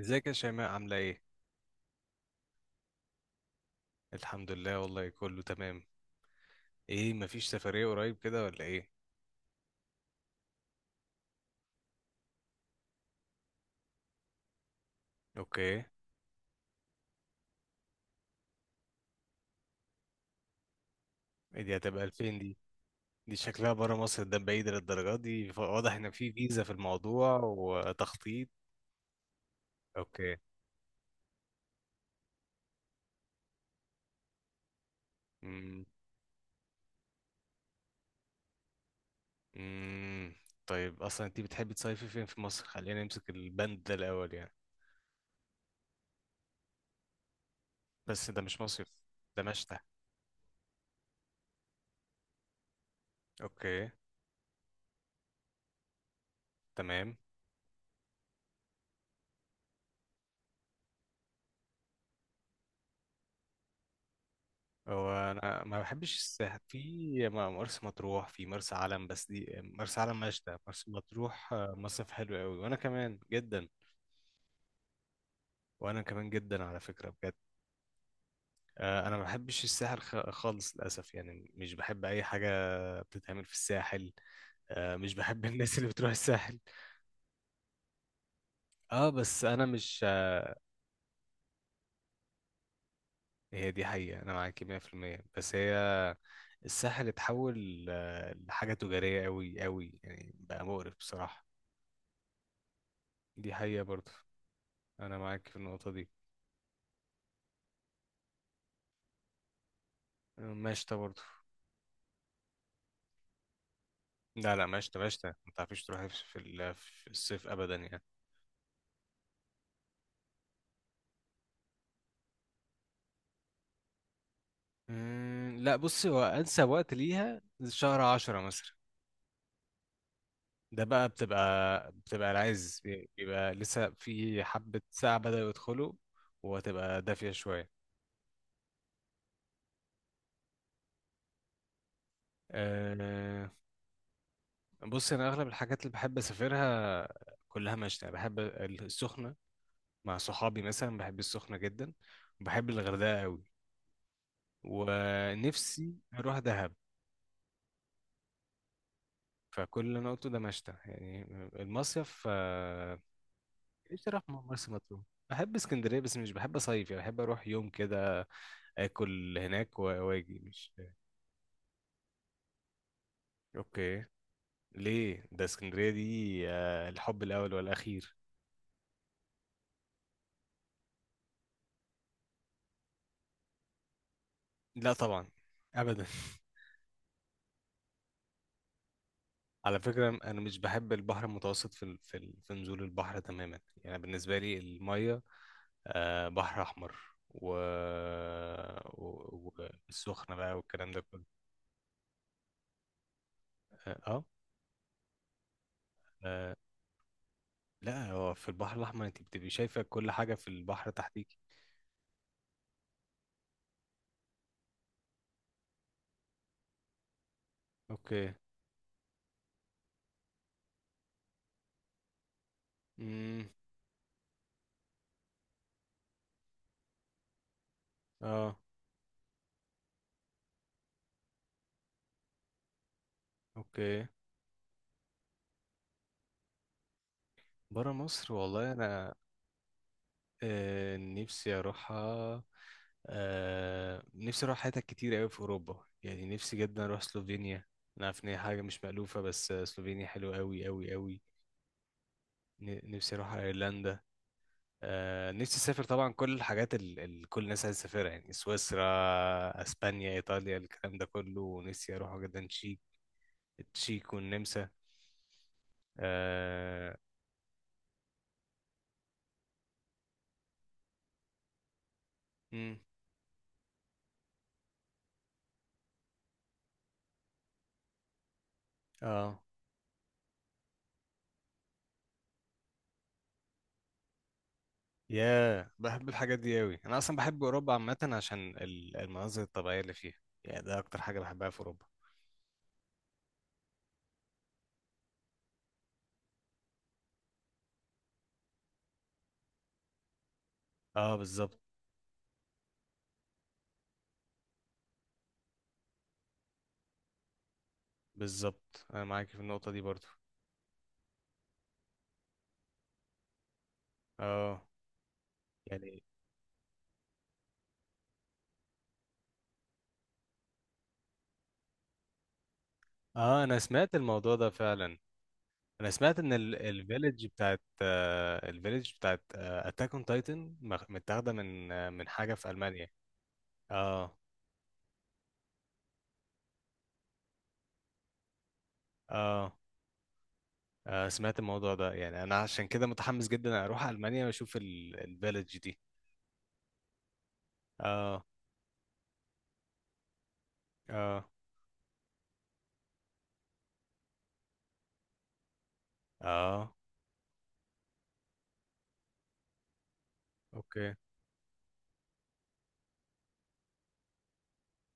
ازيك يا شيماء عاملة ايه؟ الحمد لله والله كله تمام. ايه، مفيش سفرية قريب كده ولا ايه؟ اوكي. ايه دي، هتبقى لفين دي؟ دي شكلها برا مصر، ده بعيد للدرجة دي، واضح ان في فيزا في الموضوع وتخطيط. اوكي. امم. امم. طيب اصلا انت بتحبي تصيفي فين في مصر؟ خلينا نمسك البند ده الاول يعني. بس ده مش مصيف، ده مشتى. اوكي. تمام. هو انا ما بحبش الساحل، في مرسى مطروح، في مرسى علم، بس دي مرسى علم مشتى، مرسى مطروح مصيف حلو قوي وانا كمان جدا. وانا كمان جدا على فكره بجد. انا ما بحبش الساحل خالص للاسف، يعني مش بحب اي حاجه بتتعمل في الساحل. مش بحب الناس اللي بتروح الساحل. اه بس انا مش هي دي حقيقه، انا معاكي 100% بس هي الساحل اتحول لحاجه تجاريه قوي قوي، يعني بقى مقرف بصراحه. دي حقيقه برضه. انا معاك في النقطه دي. مشتى برضه. لا لا مشتى مشتى، ما تعرفيش تروحي في في الصيف ابدا يعني. أمم، لا بصي هو انسب وقت ليها شهر 10 مثلا. ده بقى بتبقى العز بيبقى لسه في حبة ساعة بدأوا يدخلوا، وهتبقى دافية شوية. أه، بصي أنا أغلب الحاجات اللي بحب أسافرها كلها مشتى، بحب السخنة مع صحابي مثلا، بحب السخنة جدا، وبحب الغردقة قوي، ونفسي أروح دهب. فكل اللي انا قلته ده مشتى يعني، المصيف نفسي اروح مرسى مطروح. بحب اسكندريه بس مش بحب اصيف، يعني بحب اروح يوم كده، اكل هناك و واجي مش. اوكي. ليه ده؟ اسكندريه دي الحب الاول والاخير. لا طبعا، ابدا على فكره انا مش بحب البحر المتوسط في نزول البحر تماما، يعني بالنسبه لي الميه بحر احمر، و... و... والسخنه بقى والكلام ده كله. اه آه، لا هو في البحر الأحمر أنت بتبقي شايفة كل حاجة في البحر تحتيكي. أوكي. امم. اه. أوكي. برا مصر، والله أنا، نفسي أروحها. آه نفسي أروح حتت كتير أوي في أوروبا، يعني نفسي جدا أروح سلوفينيا. أنا عارف إن هي حاجة مش مألوفة بس سلوفينيا حلوة أوي أوي أوي. نفسي أروح أيرلندا. آه نفسي أسافر طبعا كل الحاجات اللي كل الناس عايزة تسافرها، يعني سويسرا، أسبانيا، إيطاليا، الكلام ده كله، ونفسي أروح جدا تشيك، التشيك والنمسا. اه. امم. آه. ياه، بحب الحاجات دي قوي، انا اصلا بحب اوروبا عامه عشان المناظر الطبيعيه اللي فيها، يعني ده اكتر حاجه بحبها في اوروبا. اه بالظبط. بالظبط انا معاك في النقطه دي برضو. اه. يعني اه، انا سمعت الموضوع ده فعلا. انا سمعت ان الفيلج بتاعت الفيلج بتاعت اتاك اون تايتن متاخده من من حاجه في المانيا. اه اه. سمعت الموضوع ده، يعني انا عشان كده متحمس جدا اروح المانيا واشوف الفيلج دي. اه اه اه. اوكي.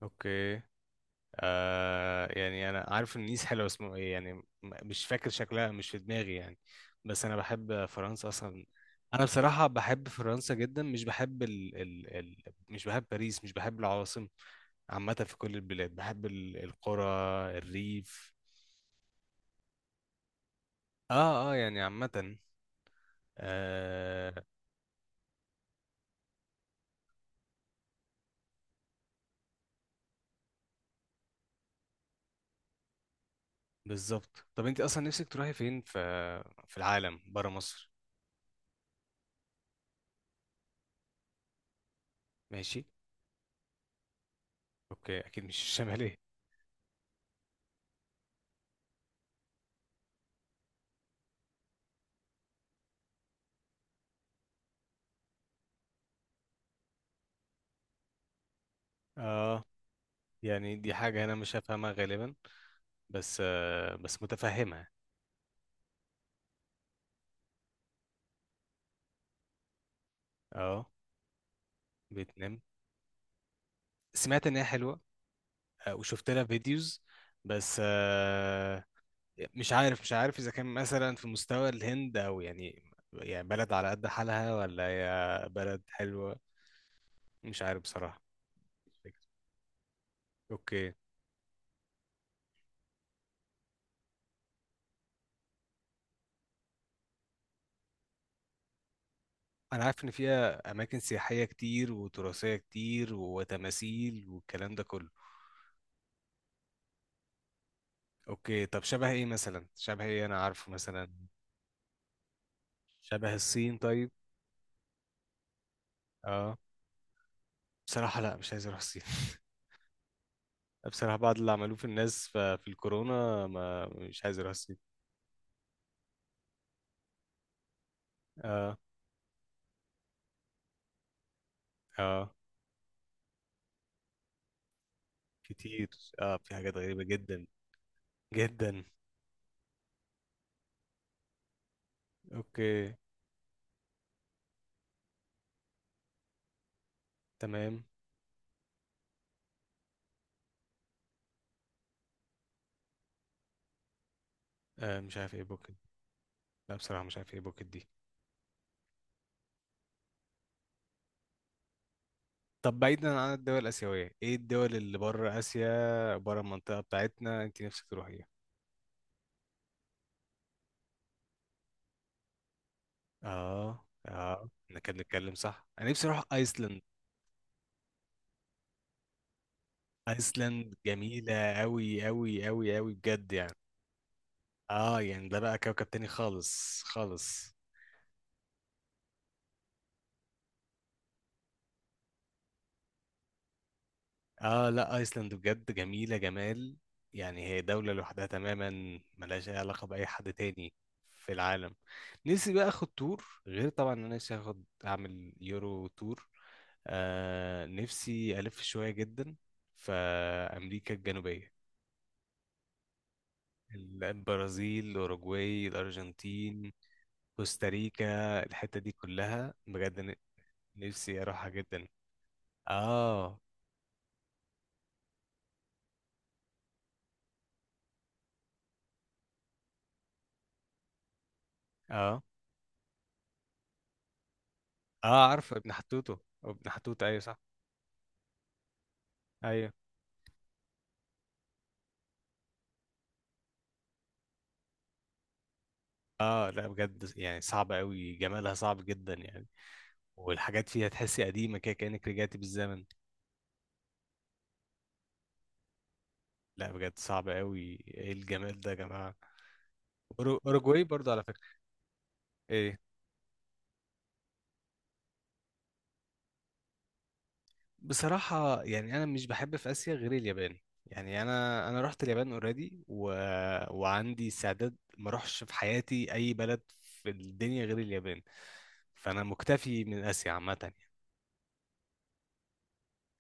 اوكي. يعني انا عارف ان نيس حلوه، اسمه ايه يعني، مش فاكر شكلها، مش في دماغي يعني، بس انا بحب فرنسا اصلا. انا بصراحه بحب فرنسا جدا، مش بحب مش بحب باريس، مش بحب العواصم عامه. في كل البلاد بحب القرى، الريف. اه اه، يعني عامه. آه. بالظبط. طب انت اصلا نفسك تروحي فين في في العالم برا مصر؟ ماشي. اوكي، اكيد مش الشماليه. اه، يعني دي حاجة انا مش هفهمها غالبا بس بس متفهمها. اه. فيتنام سمعت ان هي حلوة، آه وشفت لها فيديوز بس مش عارف، مش عارف اذا كان مثلا في مستوى الهند، او يعني يعني بلد على قد حالها، ولا هي بلد حلوة، مش عارف بصراحة. اوكي. انا عارف ان فيها اماكن سياحية كتير وتراثية كتير وتماثيل والكلام ده كله. اوكي. طب شبه ايه مثلا؟ شبه ايه انا عارفه مثلا؟ شبه الصين طيب؟ اه. بصراحة لا، مش عايز اروح الصين بصراحة بعد اللي عملوه في الناس في الكورونا، ما مش عايز اروح الصين. اه اه. كتير. اه في حاجات غريبة جدا جدا. اوكي. تمام. مش عارف ايه بوكيت. لا بصراحة مش عارف ايه بوكيت دي. طب بعيدا عن الدول الآسيوية، ايه الدول اللي بره آسيا، بره المنطقة بتاعتنا، انت نفسك تروحيها؟ اه اه، احنا كنا بنتكلم صح، انا نفسي اروح ايسلند. ايسلند جميلة أوي أوي أوي أوي بجد يعني. اه يعني ده بقى كوكب تاني خالص خالص. اه، لا ايسلند بجد جميلة جمال، يعني هي دولة لوحدها تماما، ملهاش اي علاقة بأي حد تاني في العالم. نفسي بقى اخد تور، غير طبعا إن انا نفسي اخد اعمل يورو تور. نفسي الف شوية جدا في امريكا الجنوبية، البرازيل، الاوروغواي، الارجنتين، كوستاريكا، الحتة دي كلها بجد، نفسي اروحها جدا. اه اه. اه عارف ابن حتوتو. ابن حتوتو ايوه صح. ايوه. اه لا بجد، يعني صعبة قوي، جمالها صعب جدا يعني. والحاجات فيها تحسي قديمة كده كأنك رجعتي بالزمن. لا بجد صعبة قوي. ايه الجمال ده يا جماعة! اوروجواي برضه على فكرة. ايه؟ بصراحة يعني انا مش بحب في اسيا غير اليابان، يعني انا رحت اليابان اوريدي، و... وعندي استعداد ما اروحش في حياتي اي بلد في الدنيا غير اليابان، فانا مكتفي من اسيا عامة يعني.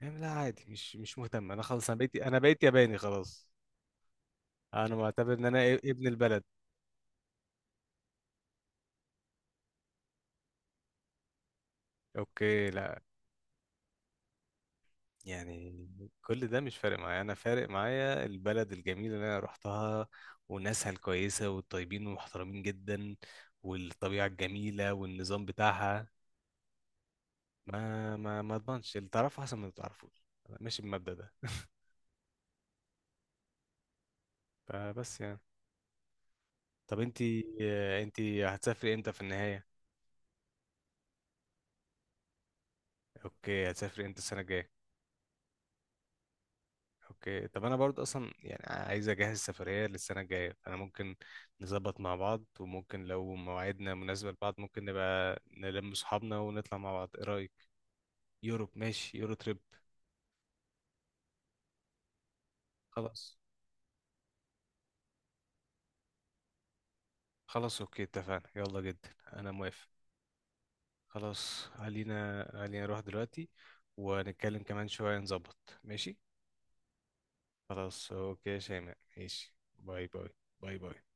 يعني لا عادي، مش مهتم انا، خلاص انا بقيت ياباني خلاص. انا معتبر ان انا ابن البلد. اوكي. لا يعني كل ده مش فارق معايا، انا فارق معايا البلد الجميله اللي انا رحتها، وناسها الكويسه والطيبين والمحترمين جدا، والطبيعه الجميله والنظام بتاعها. ما اضمنش اللي تعرفه احسن من اللي ما تعرفوش، أنا ماشي بالمبدأ ده فبس يعني. طب انتي، انتي هتسافري امتى في النهايه؟ اوكي، هتسافري امتى السنه الجايه. اوكي. طب انا برضه اصلا يعني عايز اجهز سفرية للسنة الجاية، فانا ممكن نظبط مع بعض، وممكن لو مواعيدنا مناسبة لبعض، ممكن نبقى نلم صحابنا ونطلع مع بعض، ايه رأيك؟ يوروب ماشي، يورو تريب. خلاص. خلاص اوكي اتفقنا، يلا جدا انا موافق. خلاص. خلينا نروح دلوقتي ونتكلم كمان شوية نظبط ماشي. خلاص اوكي يا شيماء، ماشي، باي باي. باي باي.